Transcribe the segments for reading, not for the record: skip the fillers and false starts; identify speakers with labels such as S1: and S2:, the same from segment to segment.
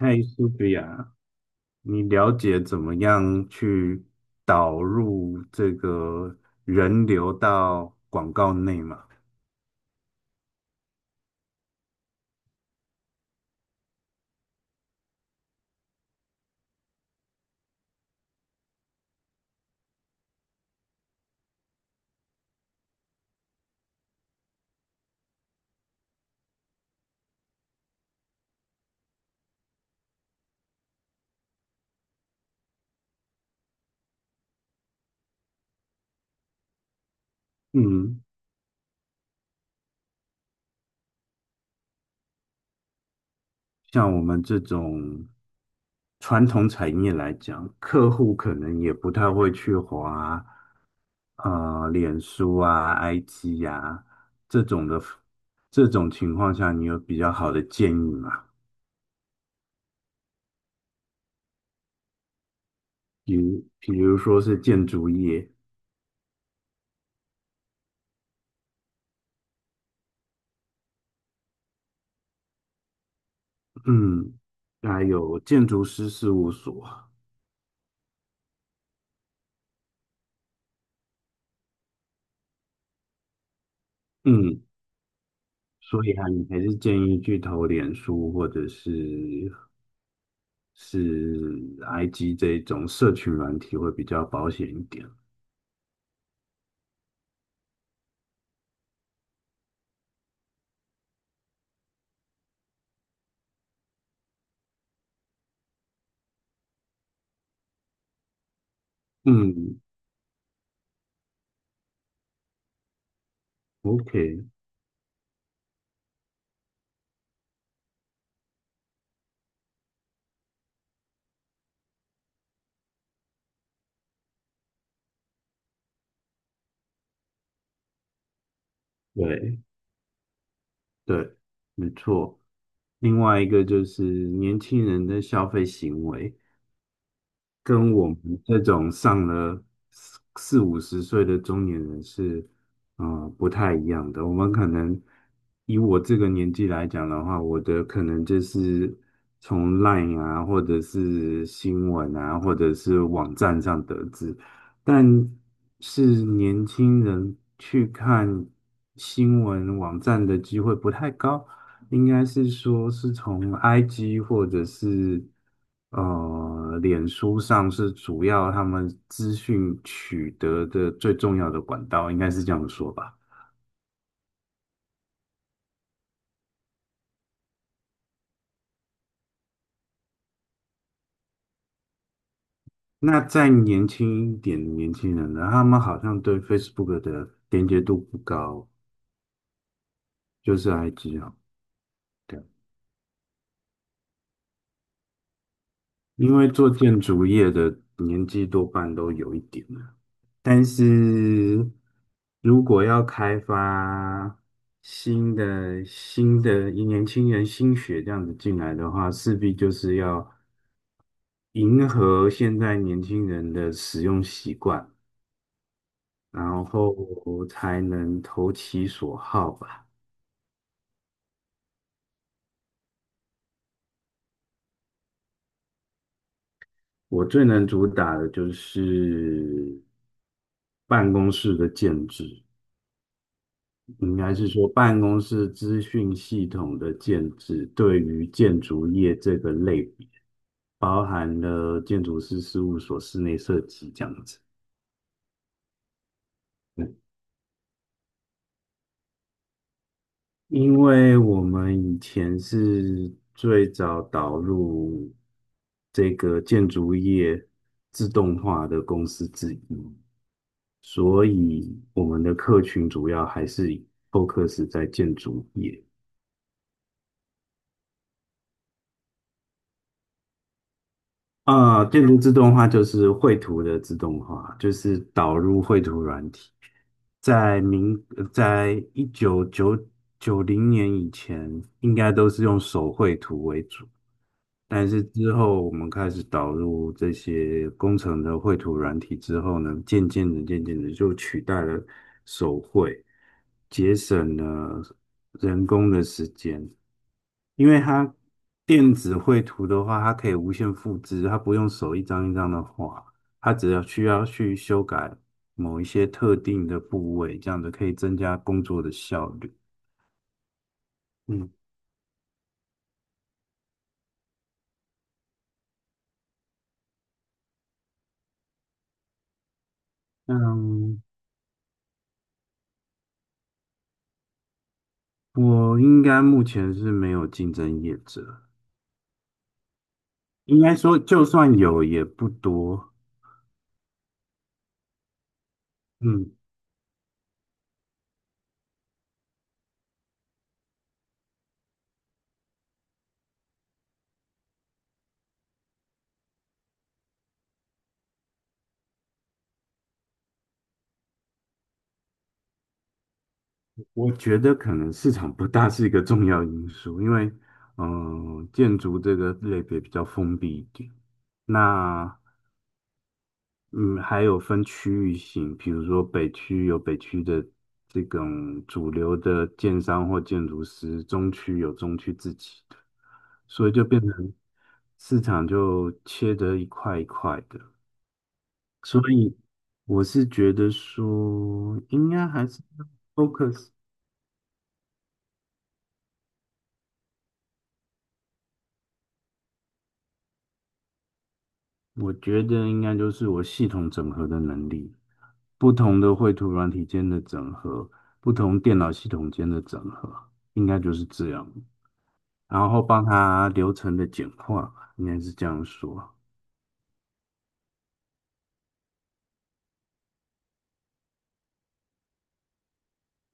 S1: 嗨苏菲亚，你了解怎么样去导入这个人流到广告内吗？嗯，像我们这种传统产业来讲，客户可能也不太会去划啊，脸书啊、IG 呀、这种的，这种情况下，你有比较好的建议吗？比如说是建筑业，嗯，还有建筑师事务所。嗯，所以啊，你还是建议去投脸书或者是 IG 这一种社群软体会比较保险一点。嗯，OK，对对，没错。另外一个就是年轻人的消费行为，跟我们这种上了四四五十岁的中年人是，不太一样的。我们可能以我这个年纪来讲的话，我的可能就是从 LINE 啊，或者是新闻啊，或者是网站上得知，但是年轻人去看新闻网站的机会不太高。应该是说是从 IG 或者是脸书上是主要他们资讯取得的最重要的管道，应该是这样说吧。那再年轻一点的年轻人呢，他们好像对 Facebook 的连接度不高，就是 IG 啊，对啊，因为做建筑业的年纪多半都有一点了，但是如果要开发新的年轻人新血这样子进来的话，势必就是要迎合现在年轻人的使用习惯，然后才能投其所好吧。我最能主打的就是办公室的建制。应该是说办公室资讯系统的建制对于建筑业这个类别。包含了建筑师事务所室内设计这样子。嗯因为我们以前是最早导入这个建筑业自动化的公司之一，所以我们的客群主要还是 f o c u 在建筑业。啊，电路自动化就是绘图的自动化，就是导入绘图软体。在明，在一九九九零年以前，应该都是用手绘图为主，但是之后我们开始导入这些工程的绘图软体之后呢，渐渐的、渐渐的就取代了手绘，节省了人工的时间。因为它电子绘图的话，它可以无限复制，它不用手一张一张的画，它只要需要去修改某一些特定的部位，这样子可以增加工作的效率。嗯嗯，我应该目前是没有竞争业者，应该说就算有也不多。嗯，我觉得可能市场不大是一个重要因素，因为建筑这个类别比较封闭一点。那嗯，还有分区域性，比如说北区有北区的这种主流的建商或建筑师，中区有中区自己的，所以就变成市场就切得一块一块的。所以我是觉得说，应该还是要 focus，我觉得应该就是我系统整合的能力，不同的绘图软体间的整合，不同电脑系统间的整合，应该就是这样。然后帮他流程的简化吧，应该是这样说。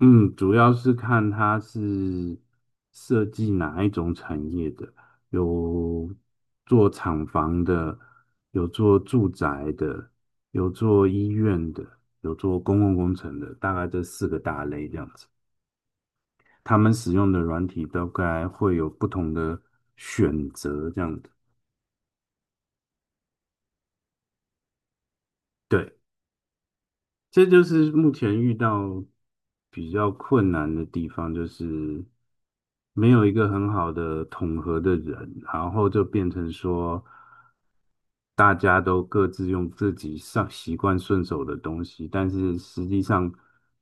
S1: 嗯，主要是看他是设计哪一种产业的，有做厂房的，有做住宅的，有做医院的，有做公共工程的，大概这四个大类这样子。他们使用的软体大概会有不同的选择，这样子。对。这就是目前遇到比较困难的地方，就是没有一个很好的统合的人，然后就变成说，大家都各自用自己上习惯顺手的东西，但是实际上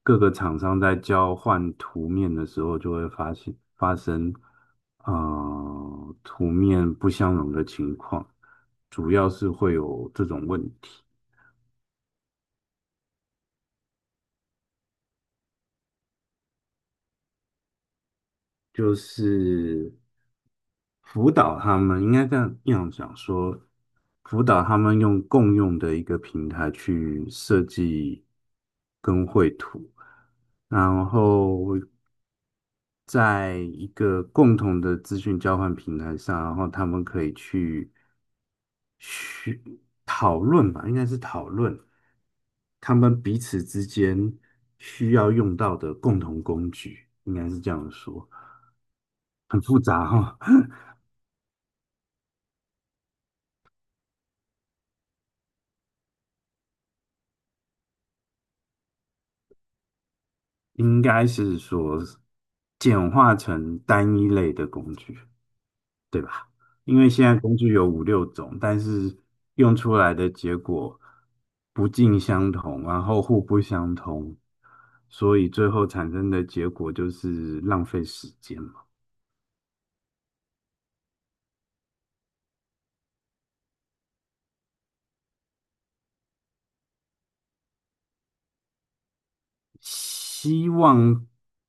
S1: 各个厂商在交换图面的时候，就会发现发生图面不相容的情况，主要是会有这种问题。就是辅导他们，应该这样讲说，辅导他们用共用的一个平台去设计跟绘图，然后在一个共同的资讯交换平台上，然后他们可以去讨论吧，应该是讨论他们彼此之间需要用到的共同工具，应该是这样说。很复杂哈、哦 应该是说简化成单一类的工具，对吧？因为现在工具有五六种，但是用出来的结果不尽相同，然后互不相通，所以最后产生的结果就是浪费时间。希望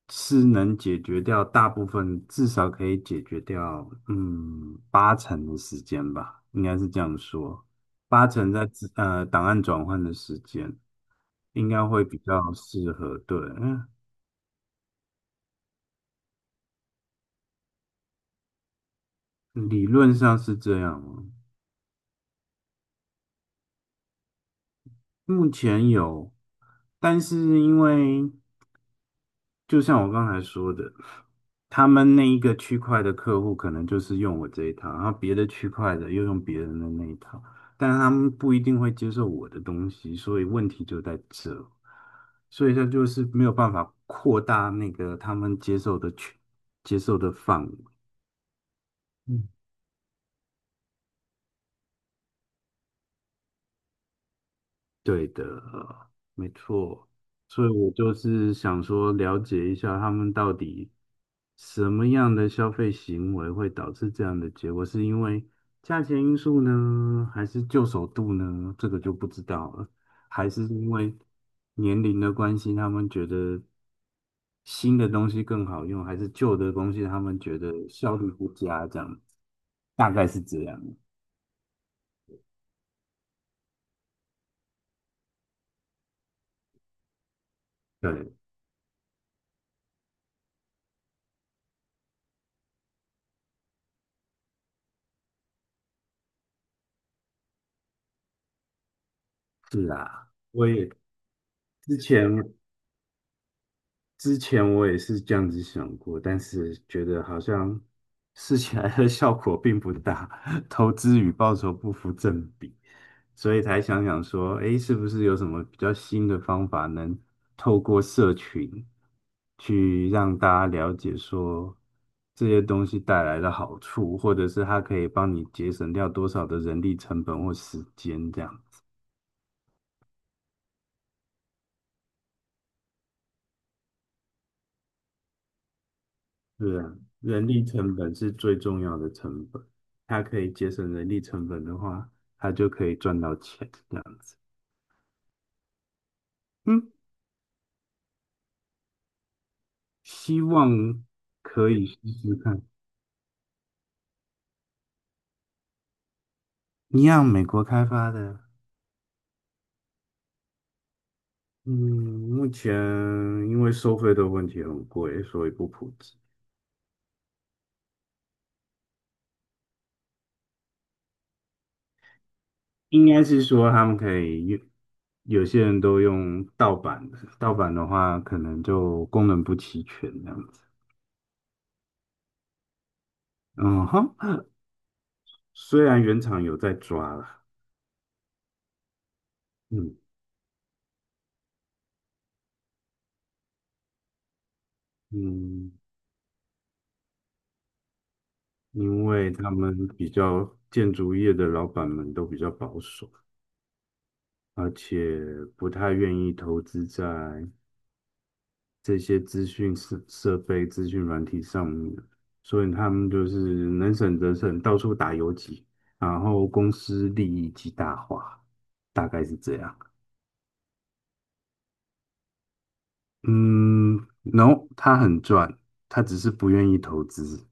S1: 是能解决掉大部分，至少可以解决掉，八成的时间吧，应该是这样说，八成在资档案转换的时间应该会比较适合，对，嗯，理论上是这样哦。目前有，但是因为。就像我刚才说的，他们那一个区块的客户可能就是用我这一套，然后别的区块的又用别人的那一套，但是他们不一定会接受我的东西，所以问题就在这，所以他就是没有办法扩大那个他们接受的范围。嗯，对的，没错。所以我就是想说，了解一下他们到底什么样的消费行为会导致这样的结果，是因为价钱因素呢，还是旧手度呢？这个就不知道了，还是因为年龄的关系，他们觉得新的东西更好用，还是旧的东西他们觉得效率不佳，这样大概是这样。对，是啊，我也之前。之前我也是这样子想过，但是觉得好像试起来的效果并不大，投资与报酬不符正比，所以才想想说，诶，是不是有什么比较新的方法，能透过社群去让大家了解说这些东西带来的好处，或者是它可以帮你节省掉多少的人力成本或时间这样。子。是啊，人力成本是最重要的成本，它可以节省人力成本的话，它就可以赚到钱，这样子。嗯，希望可以试试看。一样，美国开发的，嗯，目前因为收费的问题很贵，所以不普及。应该是说他们可以用，有些人都用盗版的，盗版的话可能就功能不齐全这样子。嗯哼，虽然原厂有在抓啦，嗯。嗯，因为他们比较建筑业的老板们都比较保守，而且不太愿意投资在这些资讯设备、资讯软体上面，所以他们就是能省则省，到处打游击，然后公司利益极大化，大概是这样。嗯，no，他很赚，他只是不愿意投资，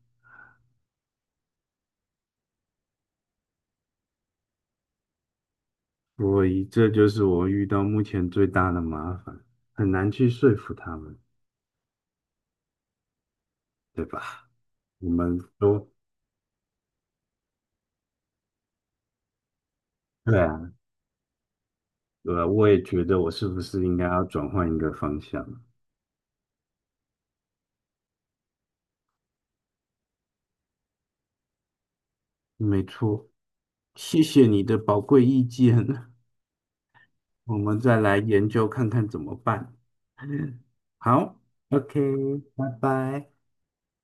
S1: 所以这就是我遇到目前最大的麻烦，很难去说服他们。对吧？我们都对啊，对啊，我也觉得我是不是应该要转换一个方向？没错，谢谢你的宝贵意见，我们再来研究看看怎么办。好，OK，拜拜。